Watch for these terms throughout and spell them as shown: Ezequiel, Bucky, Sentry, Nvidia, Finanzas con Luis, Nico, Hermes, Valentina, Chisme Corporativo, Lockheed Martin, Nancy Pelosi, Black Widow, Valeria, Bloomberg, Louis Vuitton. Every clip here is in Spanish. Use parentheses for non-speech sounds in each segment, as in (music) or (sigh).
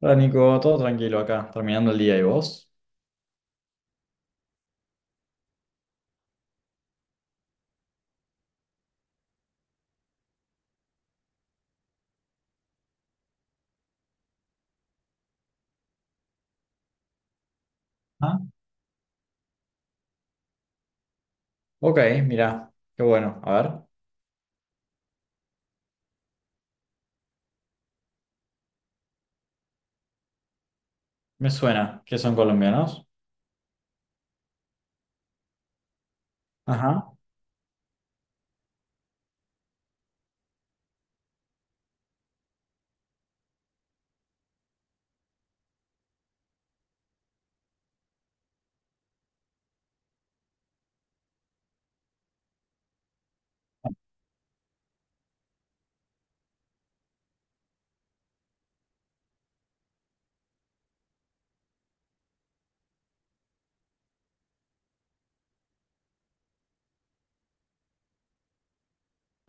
Hola Nico, todo tranquilo acá, terminando el día y vos. Ah, ok, mirá, qué bueno. A ver, me suena que son colombianos. Ajá.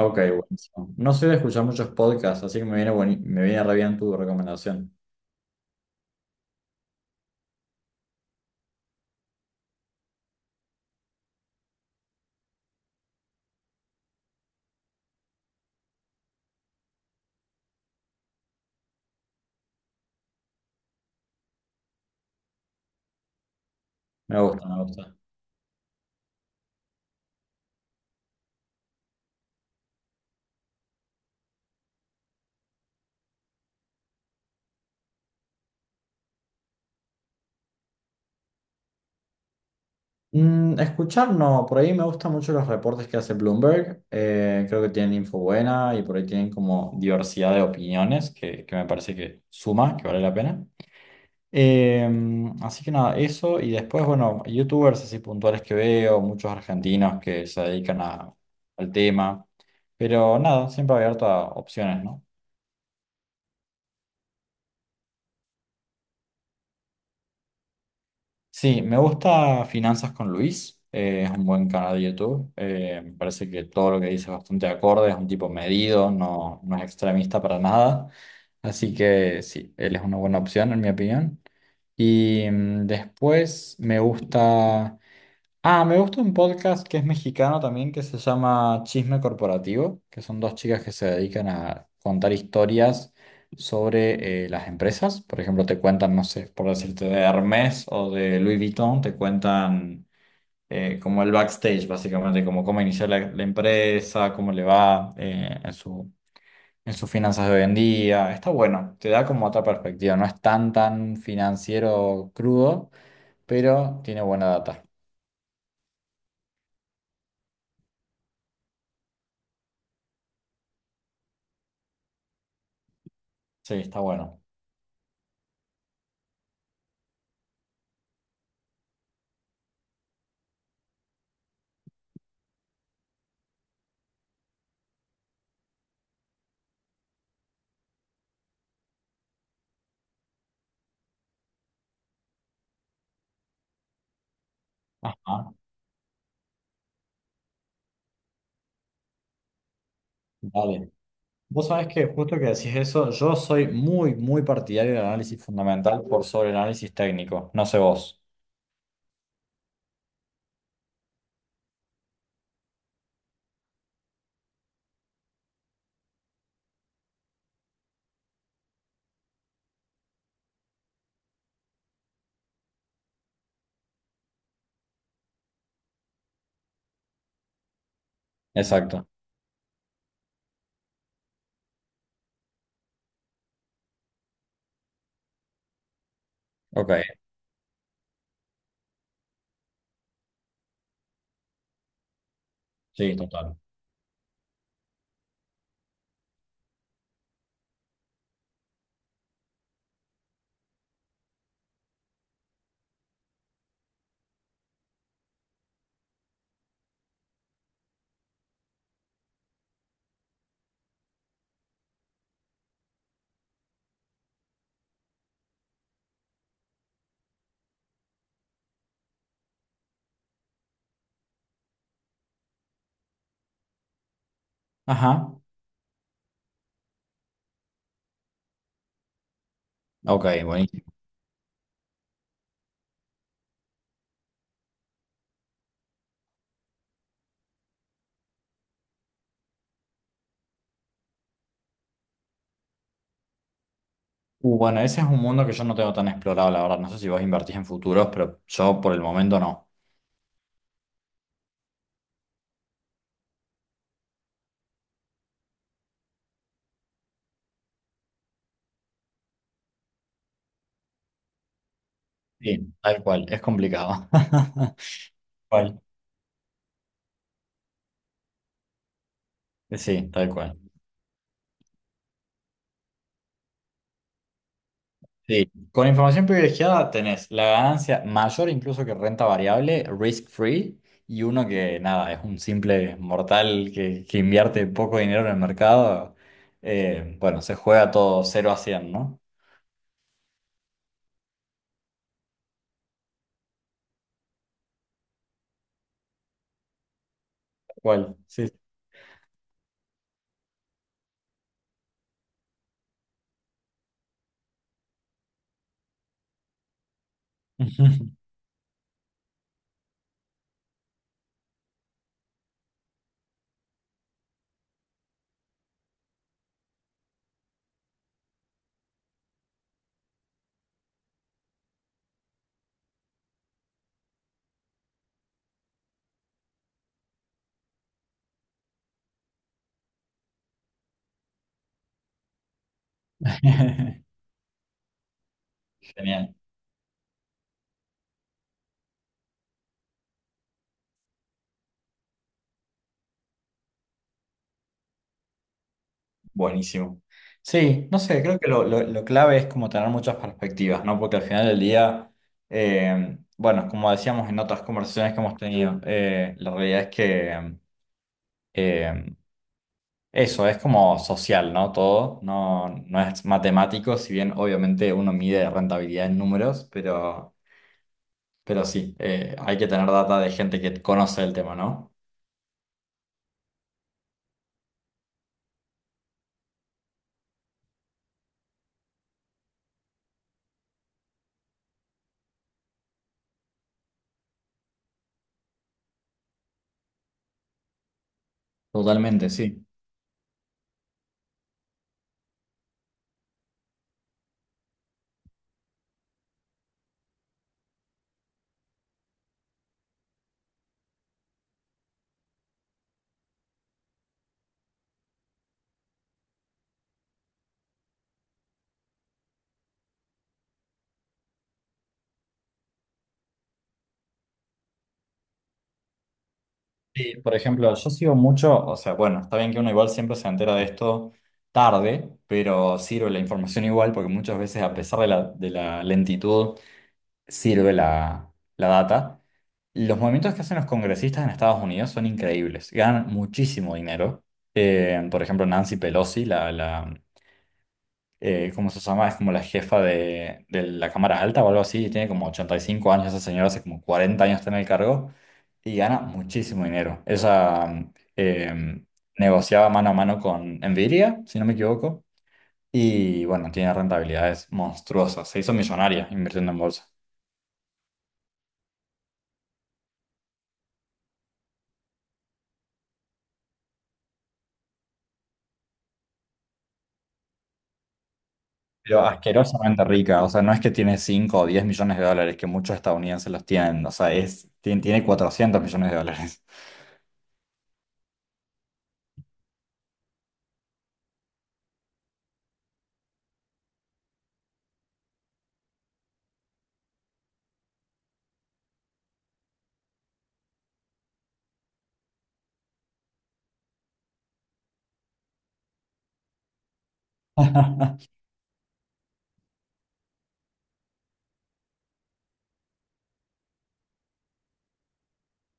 Ok, buenísimo. No soy de escuchar muchos podcasts, así que me viene, me viene re bien tu recomendación. Me gusta, me gusta. Mm, escuchar no, por ahí me gustan mucho los reportes que hace Bloomberg. Creo que tienen info buena y por ahí tienen como diversidad de opiniones que me parece que suma, que vale la pena. Así que nada, eso. Y después, bueno, youtubers así puntuales que veo, muchos argentinos que se dedican al tema. Pero nada, siempre abierto a opciones, ¿no? Sí, me gusta Finanzas con Luis. Es un buen canal de YouTube. Me parece que todo lo que dice es bastante acorde, es un tipo medido, no, no es extremista para nada. Así que sí, él es una buena opción, en mi opinión. Y mm, después me gusta. Ah, me gusta un podcast que es mexicano también, que se llama Chisme Corporativo, que son dos chicas que se dedican a contar historias sobre las empresas. Por ejemplo, te cuentan, no sé, por decirte, de Hermes o de Louis Vuitton, te cuentan como el backstage, básicamente, como cómo inició la empresa, cómo le va en en sus finanzas de hoy en día. Está bueno, te da como otra perspectiva, no es tan, tan financiero crudo, pero tiene buena data. Sí, está bueno. Ajá. Dale. Vos sabés que justo que decís eso, yo soy muy, muy partidario del análisis fundamental por sobre el análisis técnico. No sé vos. Exacto. Ok. Sí, total. Ajá. Ok, buenísimo. Bueno, ese es un mundo que yo no tengo tan explorado, la verdad. No sé si vos invertís en futuros, pero yo por el momento no. Sí, tal cual. Es complicado. (laughs) Tal cual. Sí, tal cual. Sí. Con información privilegiada tenés la ganancia mayor incluso que renta variable, risk free, y uno que nada, es un simple mortal que invierte poco dinero en el mercado. Bueno, se juega todo cero a 100, ¿no? Cuál, sí. (laughs) Genial, buenísimo. Sí, no sé, creo que lo clave es como tener muchas perspectivas, ¿no? Porque al final del día, bueno, como decíamos en otras conversaciones que hemos tenido, la realidad es que... em, Eso es como social, ¿no? Todo no, no es matemático, si bien obviamente uno mide rentabilidad en números, pero sí, hay que tener data de gente que conoce el tema, ¿no? Totalmente, sí. Sí, por ejemplo, yo sigo mucho, o sea, bueno, está bien que uno igual siempre se entera de esto tarde, pero sirve la información igual porque muchas veces a pesar de de la lentitud, sirve la data. Los movimientos que hacen los congresistas en Estados Unidos son increíbles, ganan muchísimo dinero. Por ejemplo, Nancy Pelosi, ¿cómo se llama? Es como la jefa de la Cámara Alta o algo así, y tiene como 85 años esa señora, hace como 40 años está en el cargo y gana muchísimo dinero. Ella negociaba mano a mano con Nvidia, si no me equivoco, y bueno, tiene rentabilidades monstruosas, se hizo millonaria invirtiendo en bolsa. Pero asquerosamente rica, o sea, no es que tiene 5 o 10 millones de dólares, que muchos estadounidenses los tienen, o sea, tiene 400 millones de dólares.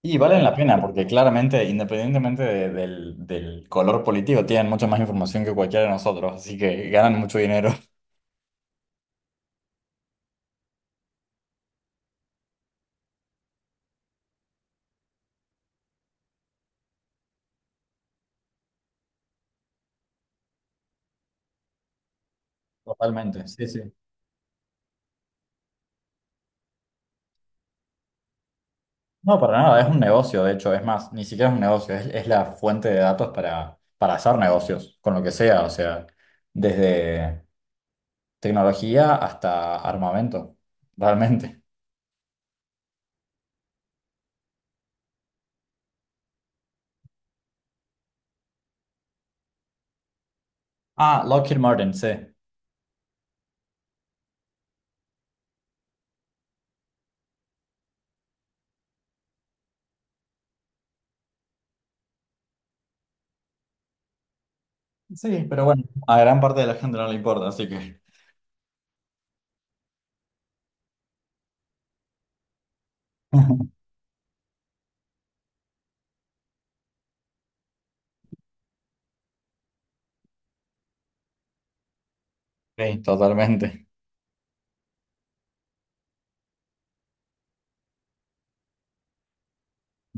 Y valen la pena, porque claramente, independientemente del color político, tienen mucha más información que cualquiera de nosotros, así que ganan mucho dinero. Totalmente, sí, sí. No, para nada, es un negocio, de hecho, es más, ni siquiera es un negocio, es la fuente de datos para hacer negocios, con lo que sea, o sea, desde tecnología hasta armamento, realmente. Ah, Lockheed Martin, sí. Sí, pero bueno, a gran parte de la gente no le importa, así que... (laughs) Sí, totalmente.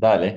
Dale.